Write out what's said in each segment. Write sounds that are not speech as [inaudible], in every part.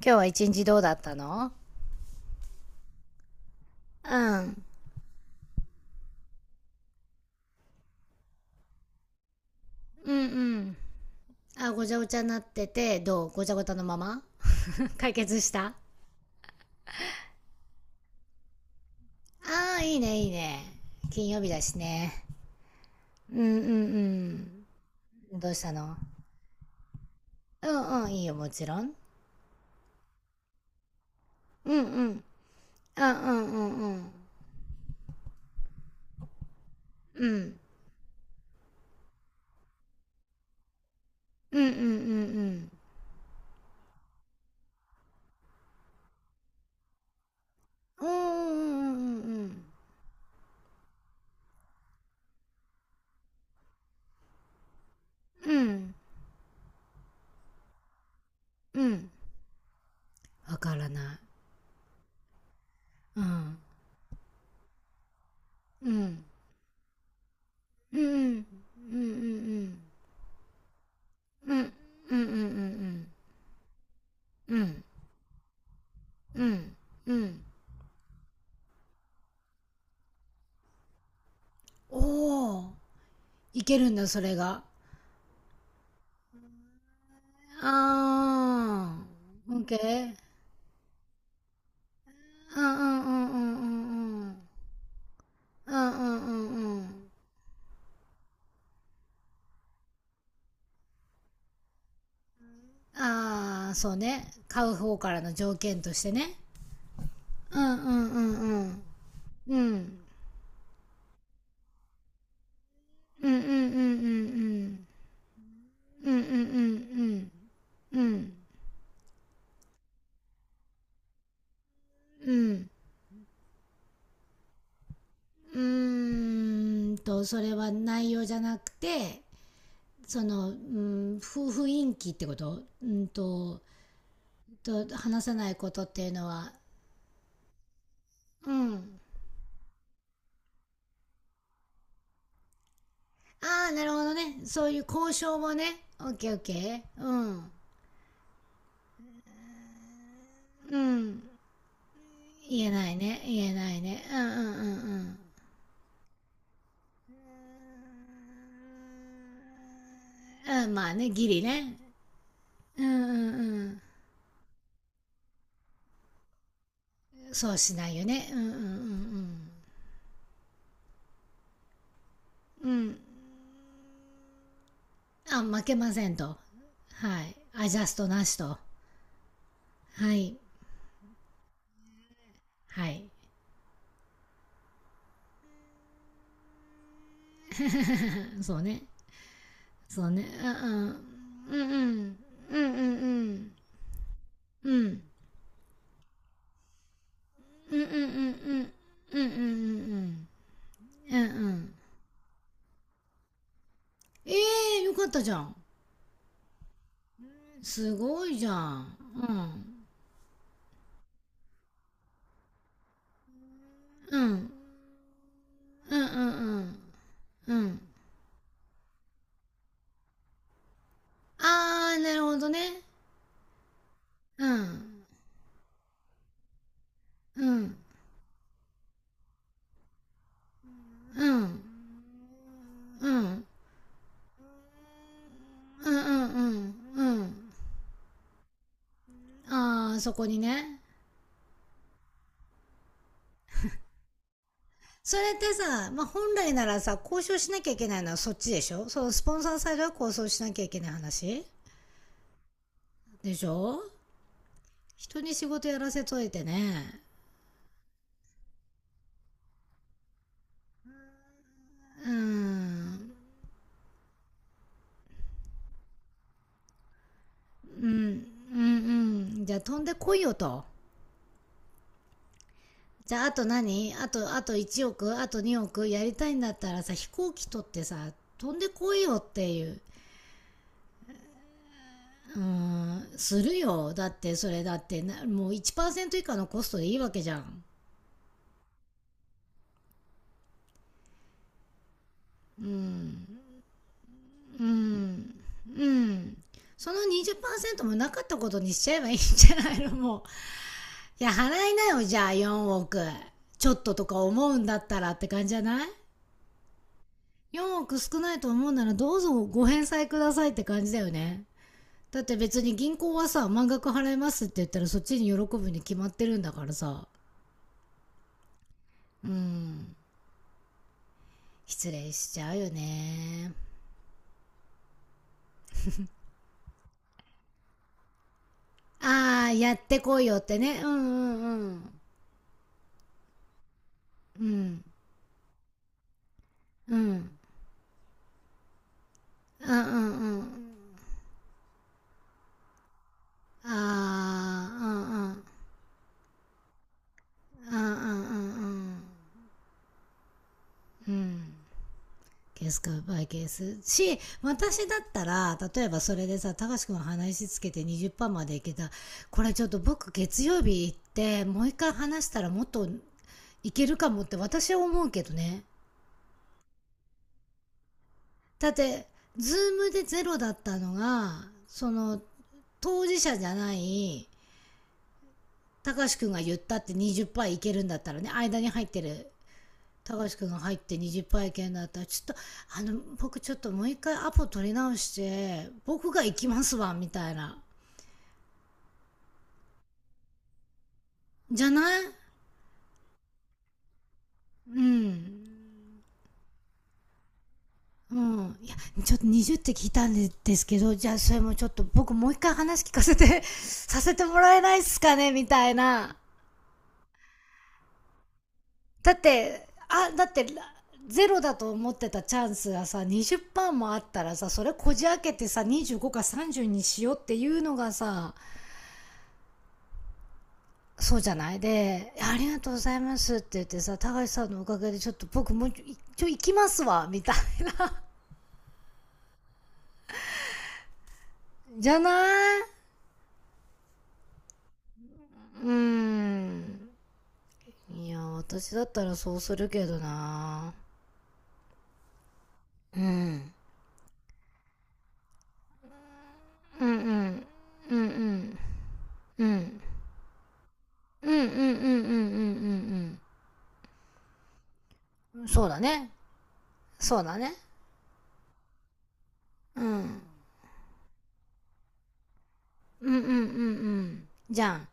今日は一日どうだったの？うん。うんうん。あ、ごちゃごちゃになってて、どうごちゃごちゃのまま [laughs] 解決した？ああ、いいね、いいね。金曜日だしね。うんうんうん。どうしたの？うんうん、いいよ、もちろん。うんうん。あうんうんうん。うん。うんうんうんうん。うんうんうんうん。うん。うん。わからない。うん。うん。うんうん。うんうんうん。うん。うんうんうんうん。うん。うんうん。おお、いけるんだそれが。あー、 OK。 うんうんうんうんうんうんうんうんうんうん。ああ、そうね、買う方からの条件としてね。うんうんうんうんうんうんうんうんうんうんうんうんうんうんうんうん。うーんと、それは内容じゃなくて、その、うん、雰囲気ってこと？うんと、と話せないことっていうのは？うん。ああ、なるほどね、そういう交渉もね。オッケーオッケー。うんうん。言えないね、言えないね。うんうんうんうんうん。まあねギリね。うんうんうん。そうしないよね。うんうんうんうんうん。あ、負けませんと。はい、アジャストなしと。はい。はい。そうね。そうね。うんうんうんうんうんうんうんうんうんうんうんうんうんうんうんうんうん。え、え、よかったじゃん。すごいじゃん。うんうんうんうんうんうん。あー、なるほどね。うんうんうんうんうんうんうんうん。あー、そこにね。それってさ、まあ、本来ならさ、交渉しなきゃいけないのはそっちでしょ？そのスポンサーサイドは交渉しなきゃいけない話でしょ？人に仕事やらせといてね。うーん。うんうんうん。じゃあ飛んでこいよと。じゃあ、あと何、あと、あと1億、あと2億やりたいんだったらさ、飛行機取ってさ、飛んでこいよっていう。するよ。だってそれ、だってな、もう1%以下のコストでいいわけじゃん。うんうん。その20%もなかったことにしちゃえばいいんじゃないの、もう。いや、払いなよ、じゃあ4億ちょっととか思うんだったらって感じじゃない？4億少ないと思うならどうぞご返済くださいって感じだよね。だって別に銀行はさ、満額払いますって言ったらそっちに喜ぶに決まってるんだからさ。うん。失礼しちゃうよね。ああ、やってこいよってね。うんうんうんうんうんうんうんうん。ああ、うんうんうんうんうんうんうん。ケースかバイケース。し、私だったら、例えばそれでさ、たかしくん話つけて20%までいけた。これちょっと僕月曜日行って、もう一回話したらもっといけるかもって私は思うけどね。だって、ズームでゼロだったのが、その、当事者じゃない、たかしくんが言ったって20%いけるんだったらね、間に入ってる高橋君が入って20杯券だったら、ちょっと、あの、僕ちょっともう一回アポ取り直して、僕が行きますわ、みたいな。じゃない？うん。うん。いや、ちょっと20って聞いたんですけど、じゃあそれもちょっと僕もう一回話聞かせて、 [laughs]、させてもらえないっすかね、みたいな。だって、あ、だって、ゼロだと思ってたチャンスがさ、20%もあったらさ、それこじ開けてさ、25か30にしようっていうのがさ、そうじゃないで、ありがとうございますって言ってさ、高橋さんのおかげでちょっと僕もうちょいちょい行きますわ、みたい。じゃない？うーん。いや、私だったらそうするけどな。うん。うんうん。うんうん。うん。うんうんうんうんうんうんうん。そうだね。そうだね。うん。うんうんうんうん。じゃん。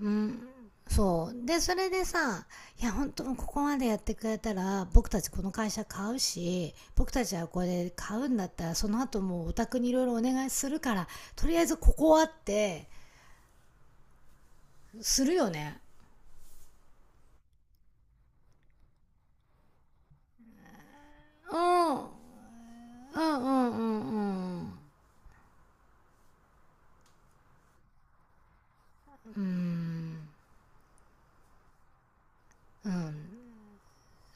うん、そう。で、それでさ、いや、本当もここまでやってくれたら、僕たちこの会社買うし、僕たちはこれ買うんだったら、その後もうお宅にいろいろお願いするから、とりあえずここはって、するよね。うん。うんうんうんうん。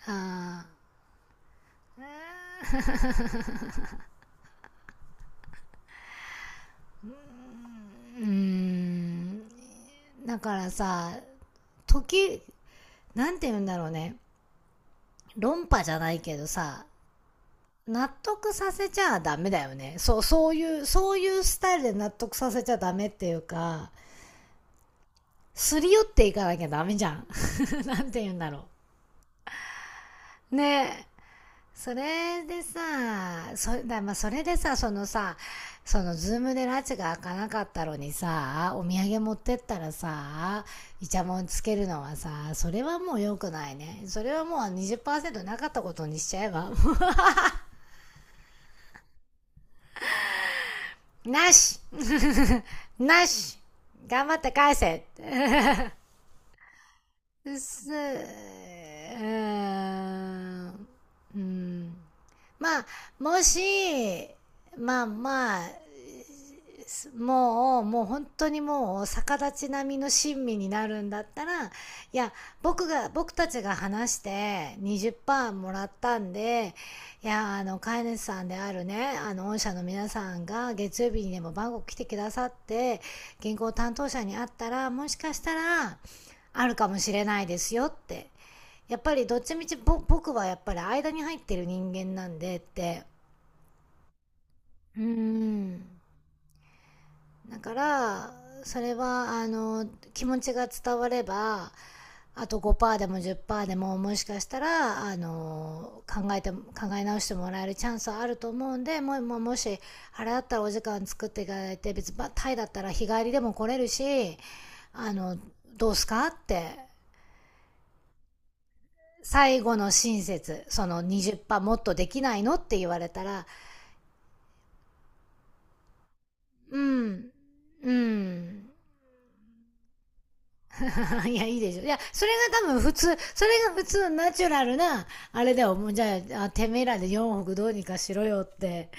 あー、うーん。だからさ、時、なんて言うんだろうね。論破じゃないけどさ、納得させちゃダメだよね。そう、そういう、そういうスタイルで納得させちゃダメっていうか、すり寄っていかなきゃダメじゃん。[laughs] なんて言うんだろう。ねえ。それでさ、そだまあ、それでさ、そのさ、そのズームで拉致が開かなかったのにさ、お土産持ってったらさ、イチャモンつけるのはさ、それはもう良くないね。それはもう20%なかったことにしちゃえば。[laughs] なし。なし。頑張って返せ。す、うん、うん、まあ、もし、まあまあ、もう、もう本当にもう逆立ち並みの親身になるんだったら、いや、僕が、僕たちが話して20%もらったんで、いや、あの、飼い主さんであるね、あの、御社の皆さんが月曜日にでも番号来てくださって、銀行担当者に会ったら、もしかしたら、あるかもしれないですよって、やっぱりどっちみち僕はやっぱり間に入ってる人間なんでって。うーん。だから、それはあの、気持ちが伝われば、あと5%でも10%でももしかしたら、あの、考えて考え直してもらえるチャンスはあると思うんで、もう、もう、もしあれだったらお時間作っていただいて、別にまあタイだったら日帰りでも来れるし、あの、どうすかって、最後の親切、その20%もっとできないのって言われたら。うん。うん。[laughs] いや、いいでしょ。いや、それが多分普通、それが普通ナチュラルな、あれだよ。もう、じゃあ、てめえらで4億どうにかしろよって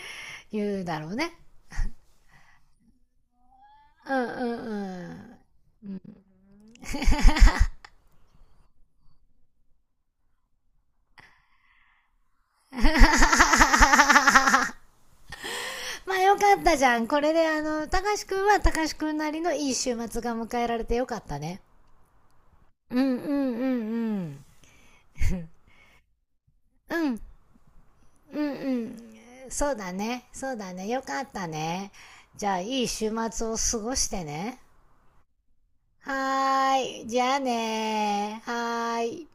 言うだろうね。うんうんうん。[laughs] まあよかったじゃん。これであの、たかしくんはたかしくんなりのいい週末が迎えられてよかったね。うんうんうんうん。うん、うんうん。そうだね。そうだね。よかったね。じゃあいい週末を過ごしてね。はーい。じゃあねー。はーい。